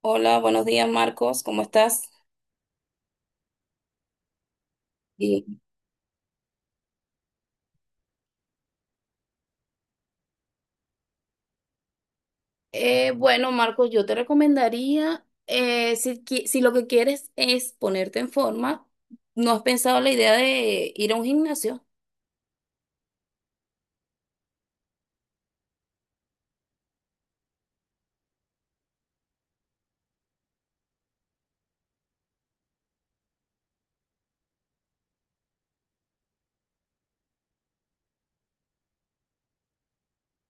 Hola, buenos días Marcos, ¿cómo estás? Sí. Bueno, Marcos, yo te recomendaría, si lo que quieres es ponerte en forma, ¿no has pensado la idea de ir a un gimnasio?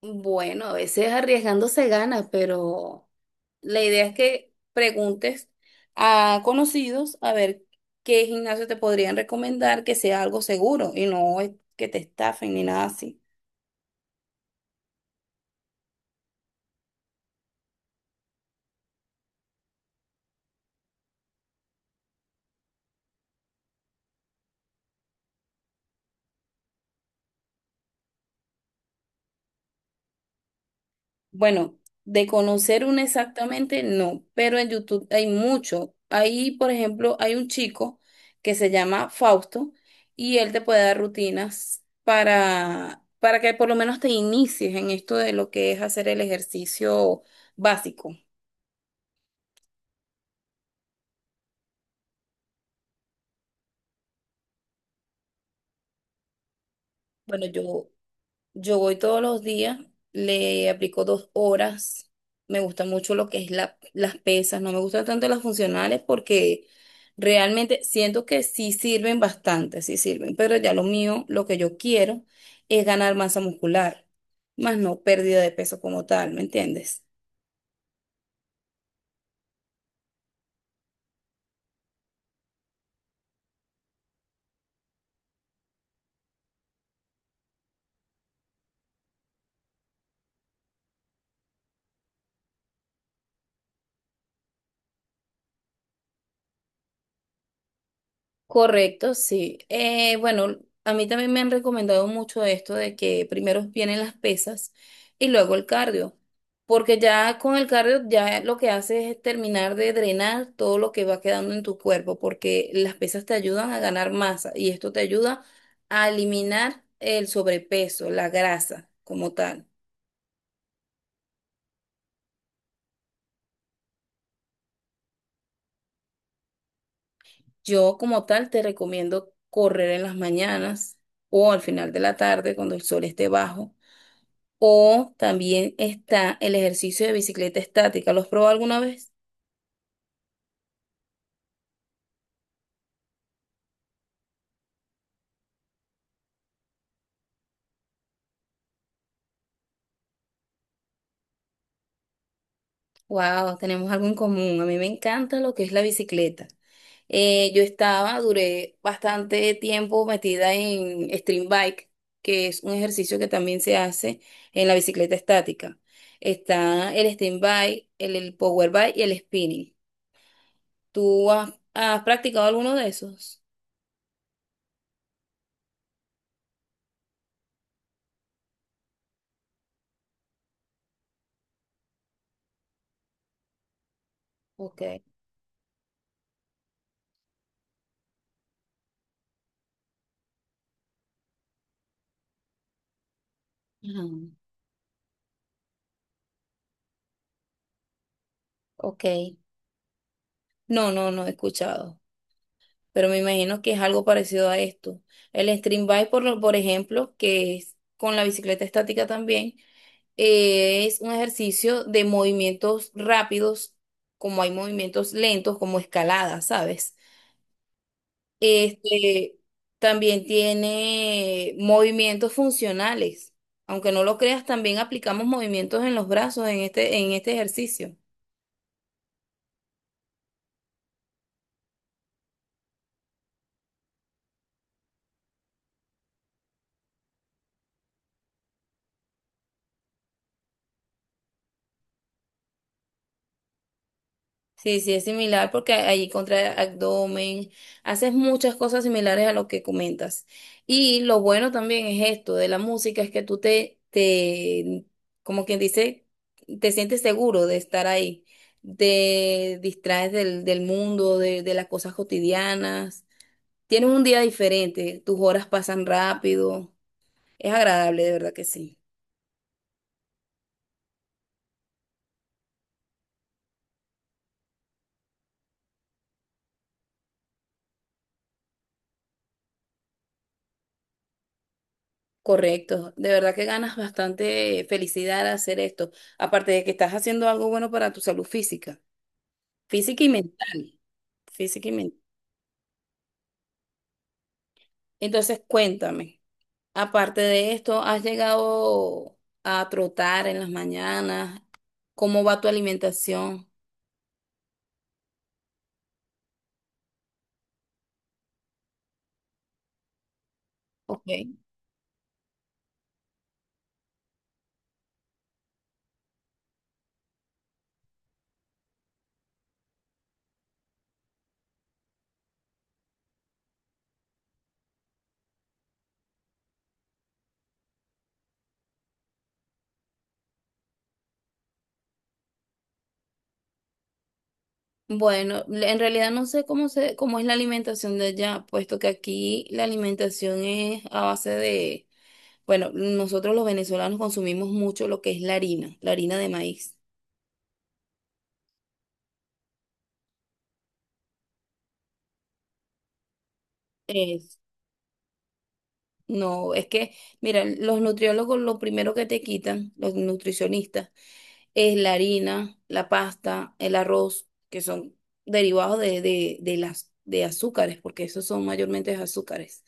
Bueno, a veces arriesgando se gana, pero la idea es que preguntes a conocidos a ver qué gimnasio te podrían recomendar que sea algo seguro y no es que te estafen ni nada así. Bueno, de conocer uno exactamente, no, pero en YouTube hay mucho. Ahí, por ejemplo, hay un chico que se llama Fausto y él te puede dar rutinas para que por lo menos te inicies en esto de lo que es hacer el ejercicio básico. Bueno, yo voy todos los días, le aplico dos horas. Me gusta mucho lo que es las pesas, no me gustan tanto las funcionales porque realmente siento que sí sirven bastante, sí sirven, pero ya lo mío, lo que yo quiero es ganar masa muscular, más no pérdida de peso como tal, ¿me entiendes? Correcto, sí. Bueno, a mí también me han recomendado mucho esto de que primero vienen las pesas y luego el cardio, porque ya con el cardio ya lo que hace es terminar de drenar todo lo que va quedando en tu cuerpo, porque las pesas te ayudan a ganar masa y esto te ayuda a eliminar el sobrepeso, la grasa como tal. Yo como tal te recomiendo correr en las mañanas o al final de la tarde cuando el sol esté bajo. O también está el ejercicio de bicicleta estática. ¿Los probó alguna vez? Wow, tenemos algo en común. A mí me encanta lo que es la bicicleta. Yo estaba, duré bastante tiempo metida en stream bike, que es un ejercicio que también se hace en la bicicleta estática. Está el stream bike, el power bike y el spinning. ¿Tú has practicado alguno de esos? Ok. Ajá. Ok. No he escuchado, pero me imagino que es algo parecido a esto. El stream bike, por ejemplo, que es con la bicicleta estática también, es un ejercicio de movimientos rápidos, como hay movimientos lentos, como escalada, ¿sabes? Este también tiene movimientos funcionales. Aunque no lo creas, también aplicamos movimientos en los brazos en este ejercicio. Sí, sí, es similar porque allí contra abdomen, haces muchas cosas similares a lo que comentas. Y lo bueno también es esto de la música, es que como quien dice, te sientes seguro de estar ahí, te distraes del mundo, de las cosas cotidianas. Tienes un día diferente, tus horas pasan rápido, es agradable, de verdad que sí. Correcto, de verdad que ganas bastante felicidad al hacer esto, aparte de que estás haciendo algo bueno para tu salud física, física y mental, física y mental. Entonces, cuéntame, aparte de esto, ¿has llegado a trotar en las mañanas? ¿Cómo va tu alimentación? Ok. Bueno, en realidad no sé cómo es la alimentación de allá, puesto que aquí la alimentación es a base de... Bueno, nosotros los venezolanos consumimos mucho lo que es la harina de maíz. Es, no, es que, mira, los nutriólogos lo primero que te quitan, los nutricionistas, es la harina, la pasta, el arroz, que son derivados de azúcares, porque esos son mayormente azúcares.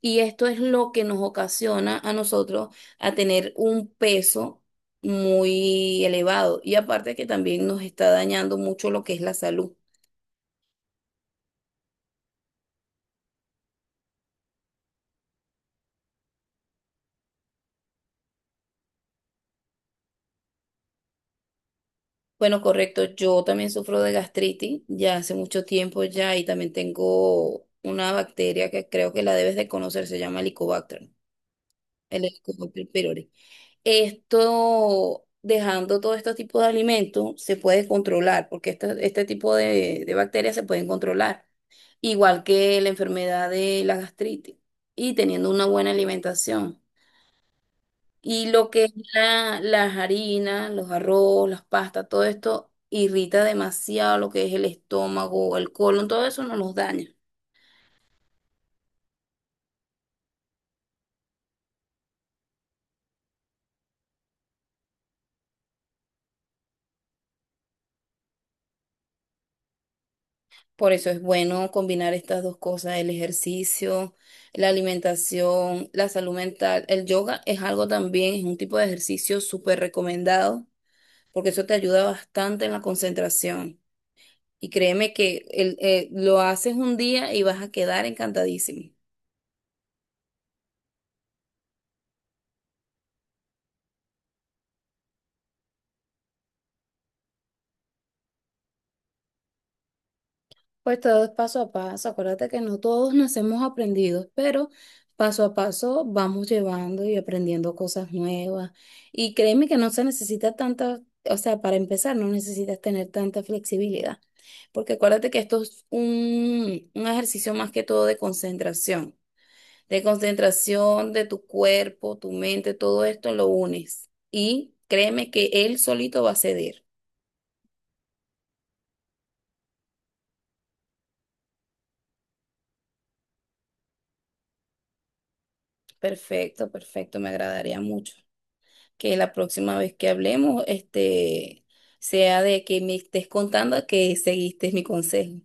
Y esto es lo que nos ocasiona a nosotros a tener un peso muy elevado. Y aparte que también nos está dañando mucho lo que es la salud. Bueno, correcto. Yo también sufro de gastritis ya hace mucho tiempo ya y también tengo una bacteria que creo que la debes de conocer, se llama Helicobacter, el Helicobacter pylori. Esto, dejando todo este tipo de alimentos, se puede controlar porque este tipo de bacterias se pueden controlar, igual que la enfermedad de la gastritis y teniendo una buena alimentación. Y lo que es las harinas, los arroz, las pastas, todo esto irrita demasiado lo que es el estómago, el colon, todo eso nos los daña. Por eso es bueno combinar estas dos cosas, el ejercicio, la alimentación, la salud mental. El yoga es algo también, es un tipo de ejercicio súper recomendado, porque eso te ayuda bastante en la concentración. Y créeme que lo haces un día y vas a quedar encantadísimo. Pues todo es paso a paso. Acuérdate que no todos nacemos aprendidos, pero paso a paso vamos llevando y aprendiendo cosas nuevas. Y créeme que no se necesita tanta, o sea, para empezar, no necesitas tener tanta flexibilidad, porque acuérdate que esto es un ejercicio más que todo de concentración, de concentración de tu cuerpo, tu mente, todo esto lo unes. Y créeme que él solito va a ceder. Perfecto, perfecto, me agradaría mucho que la próxima vez que hablemos, este, sea de que me estés contando que seguiste mi consejo.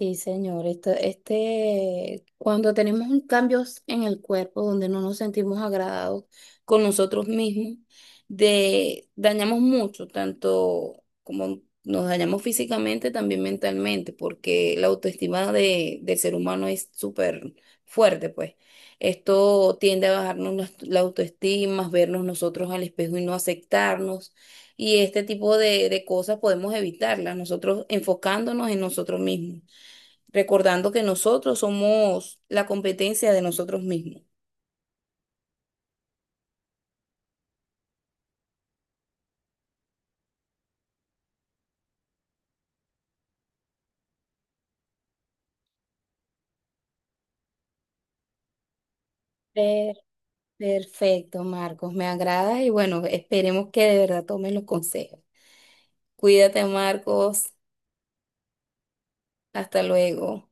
Sí, señor, esto, este, cuando tenemos un cambios en el cuerpo donde no nos sentimos agradados con nosotros mismos, de, dañamos mucho, tanto como nos dañamos físicamente, también mentalmente, porque la autoestima del ser humano es súper fuerte, pues. Esto tiende a bajarnos la autoestima, vernos nosotros al espejo y no aceptarnos. Y este tipo de cosas podemos evitarlas, nosotros enfocándonos en nosotros mismos, recordando que nosotros somos la competencia de nosotros mismos. Per- perfecto, Marcos, me agrada y bueno, esperemos que de verdad tomen los consejos. Cuídate, Marcos. Hasta luego.